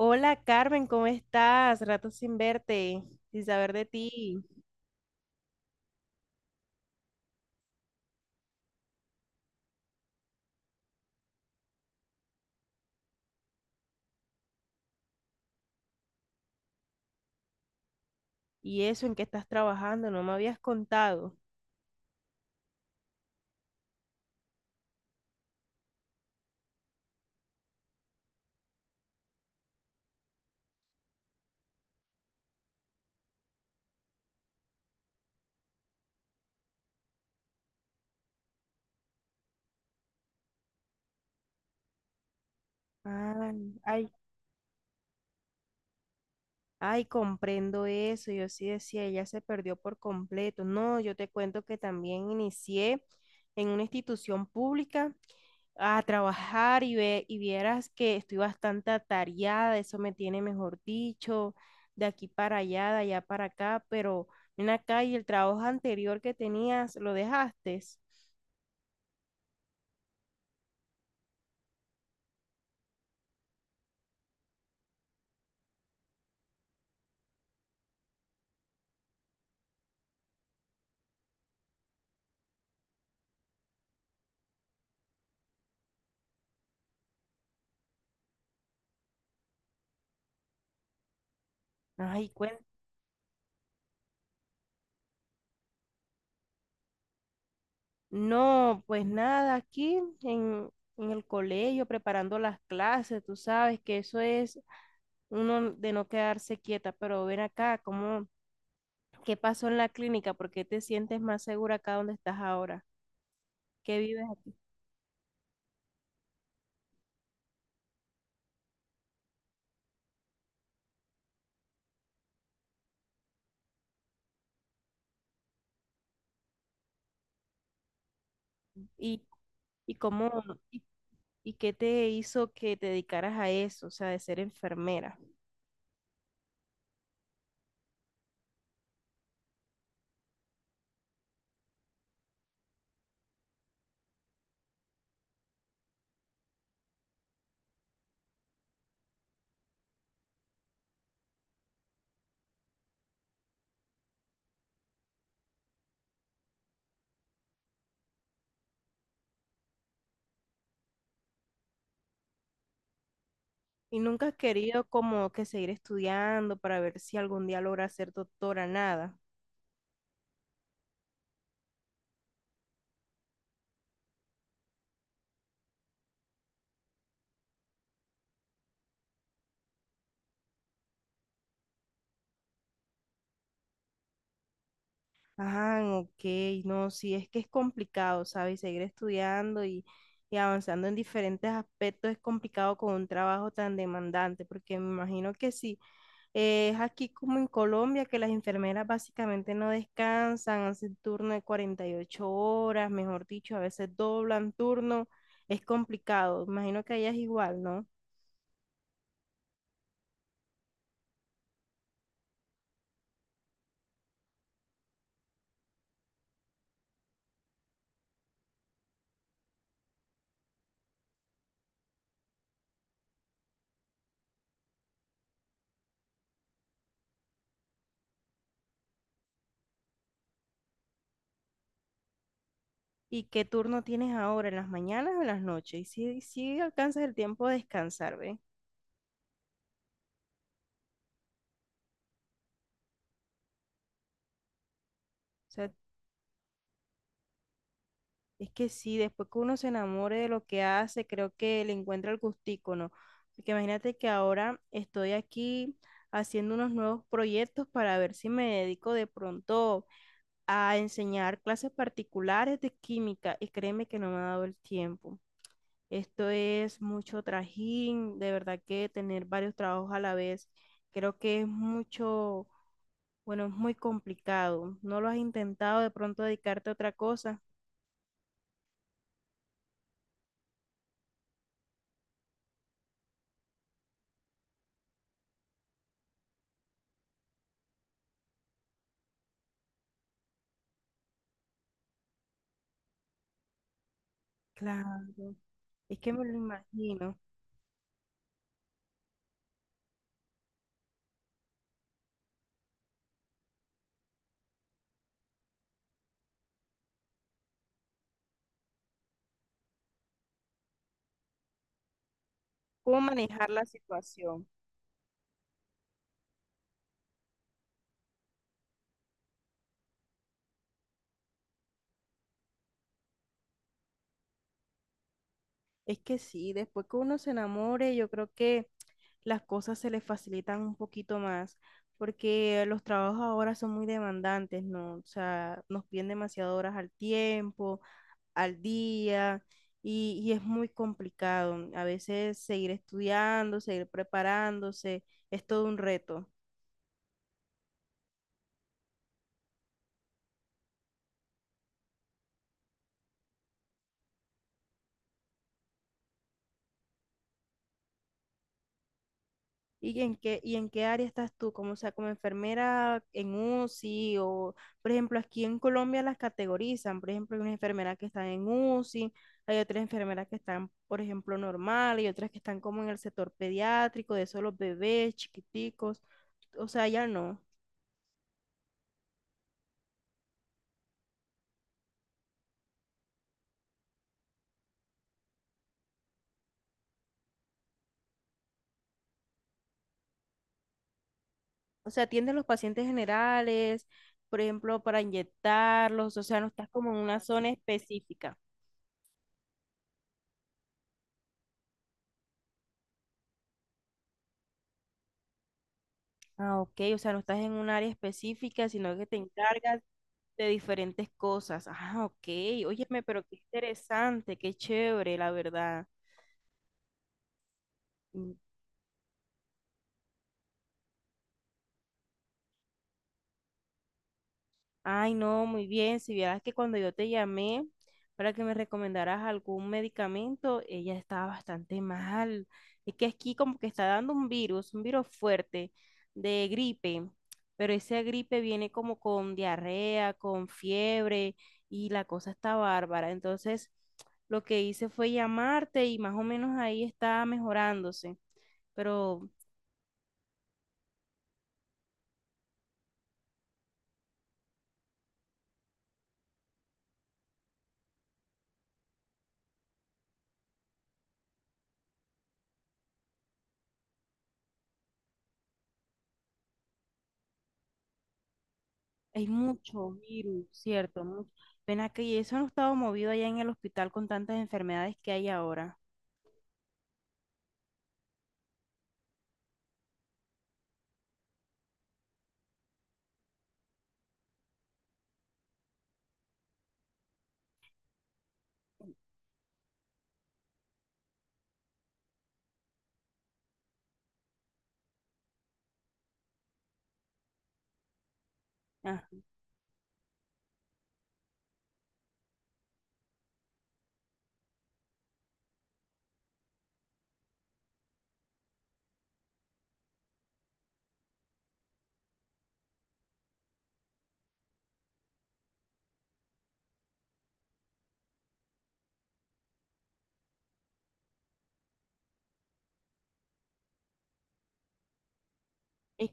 Hola Carmen, ¿cómo estás? Rato sin verte, sin saber de ti. Y eso, ¿en qué estás trabajando? No me habías contado. Ah, ay, ay, comprendo eso. Yo sí decía, ella se perdió por completo. No, yo te cuento que también inicié en una institución pública a trabajar y vieras que estoy bastante atareada, eso me tiene, mejor dicho, de aquí para allá, de allá para acá, pero ven acá, y el trabajo anterior que tenías, ¿lo dejaste? Ay, no, pues nada, en el colegio preparando las clases, tú sabes que eso es uno de no quedarse quieta, pero ven acá, ¿qué pasó en la clínica? ¿Por qué te sientes más segura acá donde estás ahora? ¿Qué vives aquí? ¿Y, y cómo, y ¿Y qué te hizo que te dedicaras a eso, o sea, de ser enfermera? ¿Y nunca has querido, como que, seguir estudiando para ver si algún día logras ser doctora? Nada. Ah, ok, no, sí, es que es complicado, ¿sabes? Seguir estudiando y avanzando en diferentes aspectos es complicado con un trabajo tan demandante, porque me imagino que sí. Es aquí como en Colombia, que las enfermeras básicamente no descansan, hacen turno de 48 horas, mejor dicho, a veces doblan turno. Es complicado, imagino que allá es igual, ¿no? ¿Y qué turno tienes ahora, en las mañanas o en las noches? Y si alcanzas el tiempo de descansar, ¿ve? O sea, es que sí, después que uno se enamore de lo que hace, creo que le encuentra el gustico, ¿no? Porque imagínate que ahora estoy aquí haciendo unos nuevos proyectos para ver si me dedico de pronto a enseñar clases particulares de química, y créeme que no me ha dado el tiempo. Esto es mucho trajín, de verdad que tener varios trabajos a la vez, creo que es mucho, bueno, es muy complicado. ¿No lo has intentado de pronto dedicarte a otra cosa? Claro, es que me lo imagino. ¿Cómo manejar la situación? Es que sí, después que uno se enamore, yo creo que las cosas se les facilitan un poquito más, porque los trabajos ahora son muy demandantes, ¿no? O sea, nos piden demasiadas horas al tiempo, al día, y es muy complicado. A veces seguir estudiando, seguir preparándose, es todo un reto. ¿Y en qué área estás tú? Como, o sea, como enfermera en UCI o, por ejemplo, aquí en Colombia las categorizan. Por ejemplo, hay unas enfermeras que están en UCI, hay otras enfermeras que están, por ejemplo, normal, y otras que están como en el sector pediátrico, de solo bebés chiquiticos. O sea, ya no. O sea, atienden los pacientes generales, por ejemplo, para inyectarlos. O sea, no estás como en una zona específica. Ah, ok, o sea, no estás en un área específica, sino que te encargas de diferentes cosas. Ah, ok, óyeme, pero qué interesante, qué chévere, la verdad. Ay, no, muy bien. Si vieras que cuando yo te llamé para que me recomendaras algún medicamento, ella estaba bastante mal. Es que aquí como que está dando un virus fuerte de gripe, pero esa gripe viene como con diarrea, con fiebre, y la cosa está bárbara. Entonces, lo que hice fue llamarte, y más o menos ahí está mejorándose. Pero hay mucho virus, ¿cierto? Mucho. Ven acá, ¿y eso no estaba movido allá en el hospital con tantas enfermedades que hay ahora? Ah, es,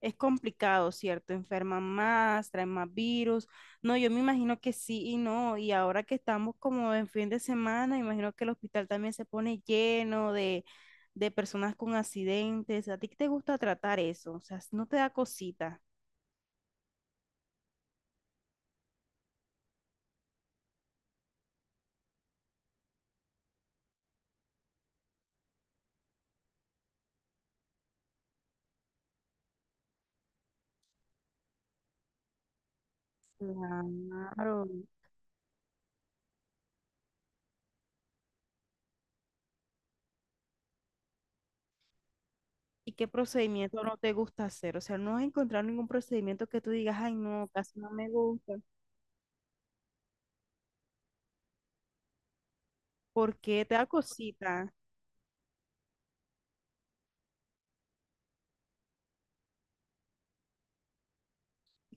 es complicado, ¿cierto? Enferman más, traen más virus. No, yo me imagino que sí y no. Y ahora que estamos como en fin de semana, imagino que el hospital también se pone lleno de personas con accidentes. ¿A ti qué te gusta tratar eso? O sea, no te da cosita. Claro. ¿Y qué procedimiento no te gusta hacer? O sea, no has encontrado ningún procedimiento que tú digas, ay, no, casi no me gusta, porque te da cosita,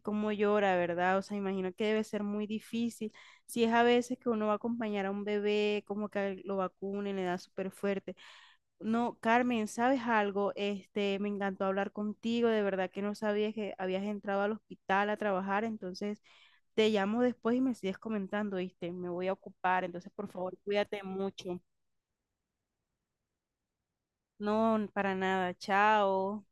como llora, ¿verdad? O sea, imagino que debe ser muy difícil. Si es a veces que uno va a acompañar a un bebé, como que lo vacunen, le da súper fuerte. No, Carmen, ¿sabes algo? Este, me encantó hablar contigo, de verdad que no sabía que habías entrado al hospital a trabajar, entonces te llamo después y me sigues comentando, ¿viste? Me voy a ocupar, entonces por favor, cuídate mucho. No, para nada. Chao.